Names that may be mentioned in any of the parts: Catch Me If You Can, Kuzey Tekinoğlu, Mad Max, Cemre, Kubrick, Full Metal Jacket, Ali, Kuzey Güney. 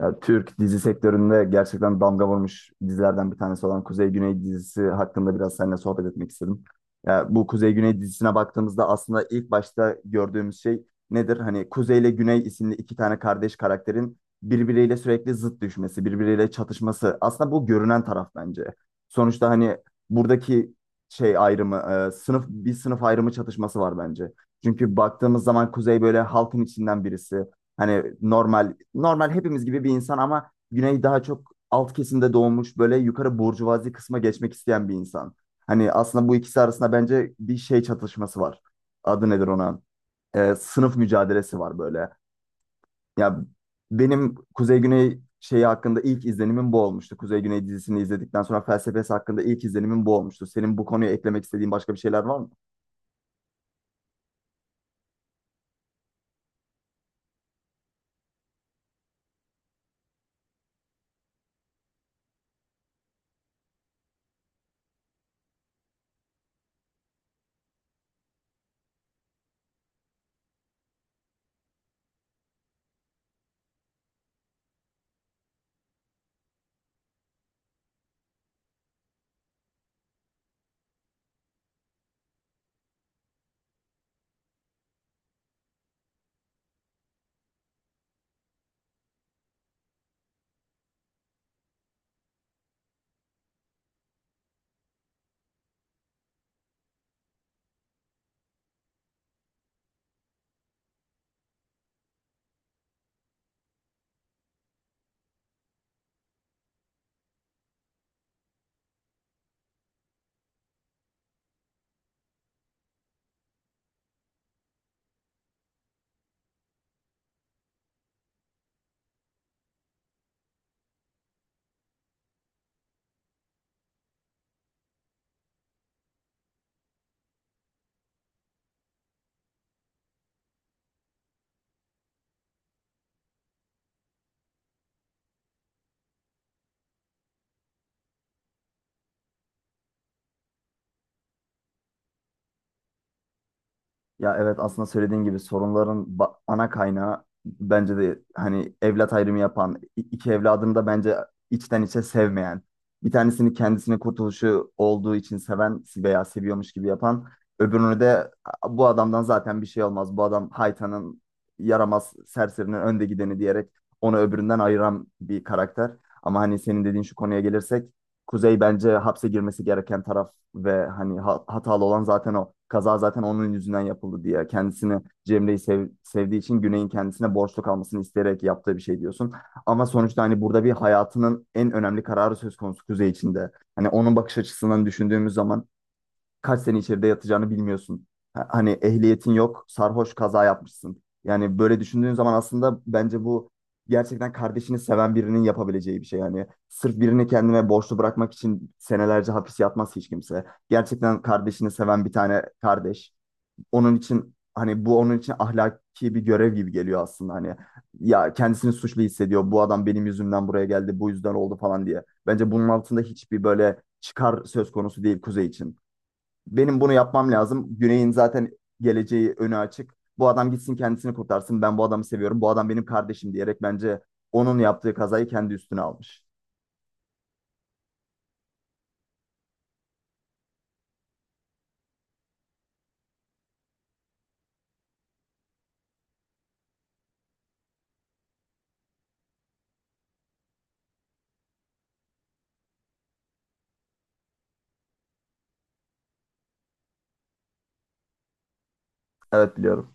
Ya, Türk dizi sektöründe gerçekten damga vurmuş dizilerden bir tanesi olan Kuzey Güney dizisi hakkında biraz seninle sohbet etmek istedim. Ya, bu Kuzey Güney dizisine baktığımızda aslında ilk başta gördüğümüz şey nedir? Hani Kuzey ile Güney isimli iki tane kardeş karakterin birbiriyle sürekli zıt düşmesi, birbiriyle çatışması. Aslında bu görünen taraf bence. Sonuçta hani buradaki şey ayrımı, sınıf bir sınıf ayrımı çatışması var bence. Çünkü baktığımız zaman Kuzey böyle halkın içinden birisi. Hani normal hepimiz gibi bir insan ama Güney daha çok alt kesimde doğmuş böyle yukarı burjuvazi kısma geçmek isteyen bir insan. Hani aslında bu ikisi arasında bence bir şey çatışması var. Adı nedir ona? Sınıf mücadelesi var böyle. Ya, benim Kuzey Güney şeyi hakkında ilk izlenimim bu olmuştu. Kuzey Güney dizisini izledikten sonra felsefesi hakkında ilk izlenimim bu olmuştu. Senin bu konuya eklemek istediğin başka bir şeyler var mı? Ya evet, aslında söylediğin gibi sorunların ana kaynağı bence de hani evlat ayrımı yapan, iki evladını da bence içten içe sevmeyen, bir tanesini kendisinin kurtuluşu olduğu için seven veya seviyormuş gibi yapan, öbürünü de Bu adamdan zaten bir şey olmaz, bu adam haytanın yaramaz serserinin önde gideni" diyerek onu öbüründen ayıran bir karakter. Ama hani senin dediğin şu konuya gelirsek Kuzey bence hapse girmesi gereken taraf ve hani hatalı olan zaten o. Kaza zaten onun yüzünden yapıldı diye. Kendisini Cemre'yi sevdiği için Güney'in kendisine borçlu kalmasını isteyerek yaptığı bir şey diyorsun. Ama sonuçta hani burada bir hayatının en önemli kararı söz konusu Kuzey içinde. Hani onun bakış açısından düşündüğümüz zaman kaç sene içeride yatacağını bilmiyorsun. Hani ehliyetin yok, sarhoş kaza yapmışsın. Yani böyle düşündüğün zaman aslında bence bu gerçekten kardeşini seven birinin yapabileceği bir şey. Yani sırf birini kendime borçlu bırakmak için senelerce hapis yatmaz hiç kimse. Gerçekten kardeşini seven bir tane kardeş. Onun için hani bu onun için ahlaki bir görev gibi geliyor aslında hani. Ya kendisini suçlu hissediyor. Bu adam benim yüzümden buraya geldi, bu yüzden oldu falan diye. Bence bunun altında hiçbir böyle çıkar söz konusu değil Kuzey için. Benim bunu yapmam lazım. Güney'in zaten geleceği önü açık. Bu adam gitsin kendisini kurtarsın. Ben bu adamı seviyorum. Bu adam benim kardeşim diyerek bence onun yaptığı kazayı kendi üstüne almış. Evet, biliyorum.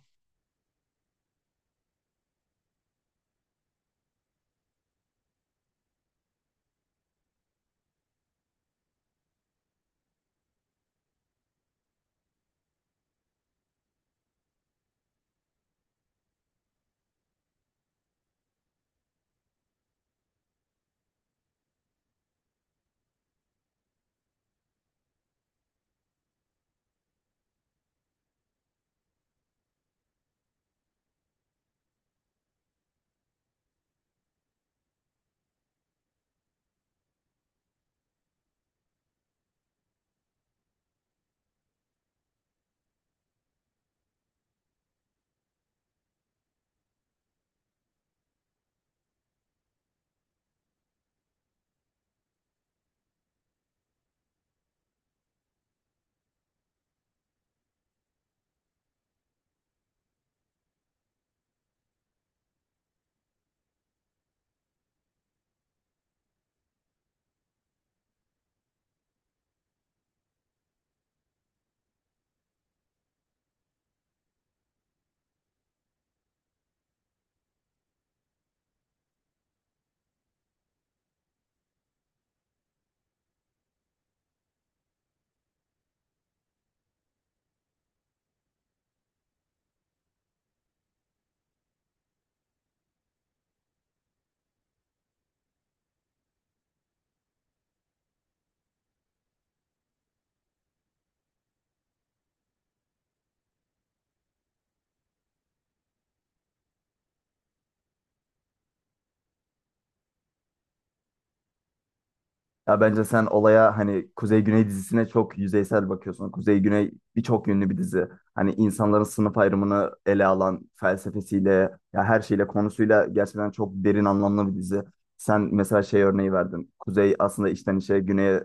Ya bence sen olaya hani Kuzey Güney dizisine çok yüzeysel bakıyorsun. Kuzey Güney birçok yönlü bir dizi. Hani insanların sınıf ayrımını ele alan felsefesiyle, ya her şeyle, konusuyla gerçekten çok derin anlamlı bir dizi. Sen mesela şey örneği verdin. Kuzey aslında içten içe Güney'e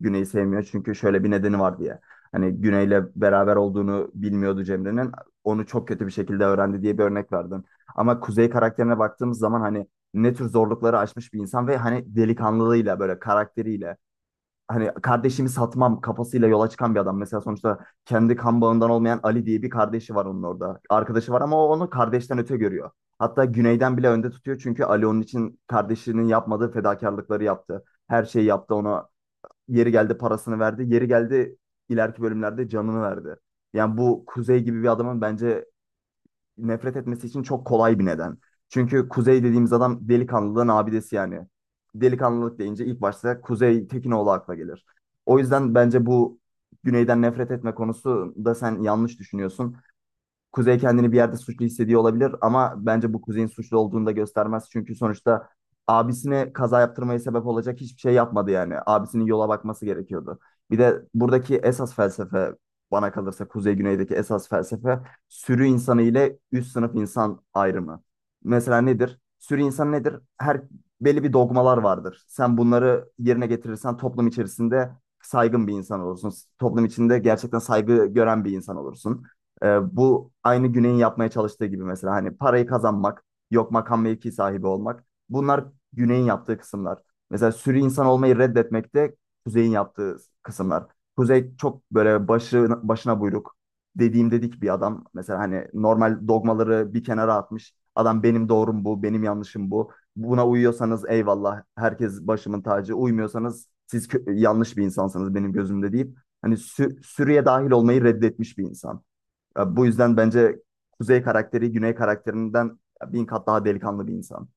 Güney'i sevmiyor çünkü şöyle bir nedeni var diye. Hani Güney'le beraber olduğunu bilmiyordu Cemre'nin. Onu çok kötü bir şekilde öğrendi diye bir örnek verdin. Ama Kuzey karakterine baktığımız zaman hani ne tür zorlukları aşmış bir insan ve hani delikanlılığıyla böyle karakteriyle hani kardeşimi satmam kafasıyla yola çıkan bir adam. Mesela sonuçta kendi kan bağından olmayan Ali diye bir kardeşi var onun orada. Arkadaşı var ama o onu kardeşten öte görüyor. Hatta Güney'den bile önde tutuyor çünkü Ali onun için kardeşinin yapmadığı fedakarlıkları yaptı. Her şeyi yaptı ona. Yeri geldi parasını verdi. Yeri geldi ileriki bölümlerde canını verdi. Yani bu Kuzey gibi bir adamın bence nefret etmesi için çok kolay bir neden. Çünkü Kuzey dediğimiz adam delikanlılığın abidesi yani. Delikanlılık deyince ilk başta Kuzey Tekinoğlu akla gelir. O yüzden bence bu Güney'den nefret etme konusu da sen yanlış düşünüyorsun. Kuzey kendini bir yerde suçlu hissediyor olabilir ama bence bu Kuzey'in suçlu olduğunu da göstermez. Çünkü sonuçta abisine kaza yaptırmaya sebep olacak hiçbir şey yapmadı yani. Abisinin yola bakması gerekiyordu. Bir de buradaki esas felsefe, bana kalırsa Kuzey Güney'deki esas felsefe, sürü insanı ile üst sınıf insan ayrımı. Mesela nedir? Sürü insan nedir? Her belli bir dogmalar vardır. Sen bunları yerine getirirsen toplum içerisinde saygın bir insan olursun. Toplum içinde gerçekten saygı gören bir insan olursun. Bu aynı Güney'in yapmaya çalıştığı gibi mesela hani parayı kazanmak, yok makam mevki sahibi olmak. Bunlar Güney'in yaptığı kısımlar. Mesela sürü insan olmayı reddetmek de Kuzey'in yaptığı kısımlar. Kuzey çok böyle başı, başına buyruk, dediğim dedik bir adam. Mesela hani normal dogmaları bir kenara atmış. Adam benim doğrum bu, benim yanlışım bu. Buna uyuyorsanız eyvallah, herkes başımın tacı. Uymuyorsanız siz yanlış bir insansınız benim gözümde deyip hani sürüye dahil olmayı reddetmiş bir insan. Ya bu yüzden bence Kuzey karakteri Güney karakterinden bin kat daha delikanlı bir insan.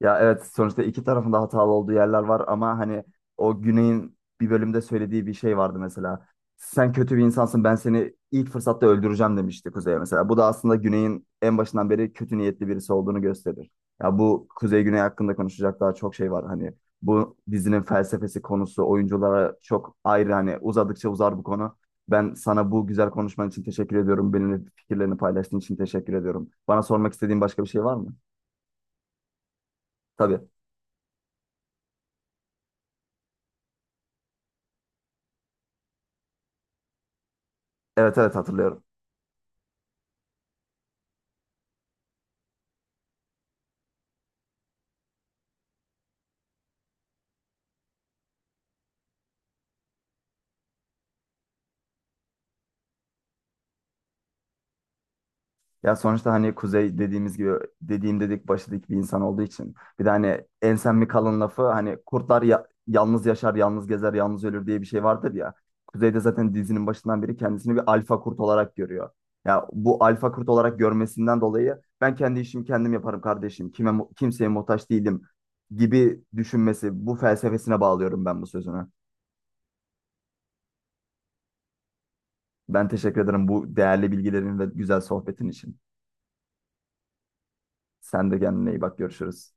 Ya evet, sonuçta iki tarafında hatalı olduğu yerler var ama hani o Güney'in bir bölümde söylediği bir şey vardı mesela. "Sen kötü bir insansın, ben seni ilk fırsatta öldüreceğim" demişti Kuzey'e mesela. Bu da aslında Güney'in en başından beri kötü niyetli birisi olduğunu gösterir. Ya bu Kuzey Güney hakkında konuşacak daha çok şey var. Hani bu dizinin felsefesi, konusu, oyunculara çok ayrı, hani uzadıkça uzar bu konu. Ben sana bu güzel konuşman için teşekkür ediyorum. Benimle fikirlerini paylaştığın için teşekkür ediyorum. Bana sormak istediğin başka bir şey var mı? Tabii. Evet, evet, hatırlıyorum. Ya sonuçta hani Kuzey dediğimiz gibi dediğim dedik başladık bir insan olduğu için. Bir de hani ensen mi kalın lafı, hani kurtlar yalnız yaşar, yalnız gezer, yalnız ölür diye bir şey vardır ya. Kuzey de zaten dizinin başından beri kendisini bir alfa kurt olarak görüyor. Ya bu alfa kurt olarak görmesinden dolayı "Ben kendi işimi kendim yaparım kardeşim. Kime kimseye muhtaç değilim" gibi düşünmesi, bu felsefesine bağlıyorum ben bu sözünü. Ben teşekkür ederim bu değerli bilgilerin ve güzel sohbetin için. Sen de kendine iyi bak, görüşürüz.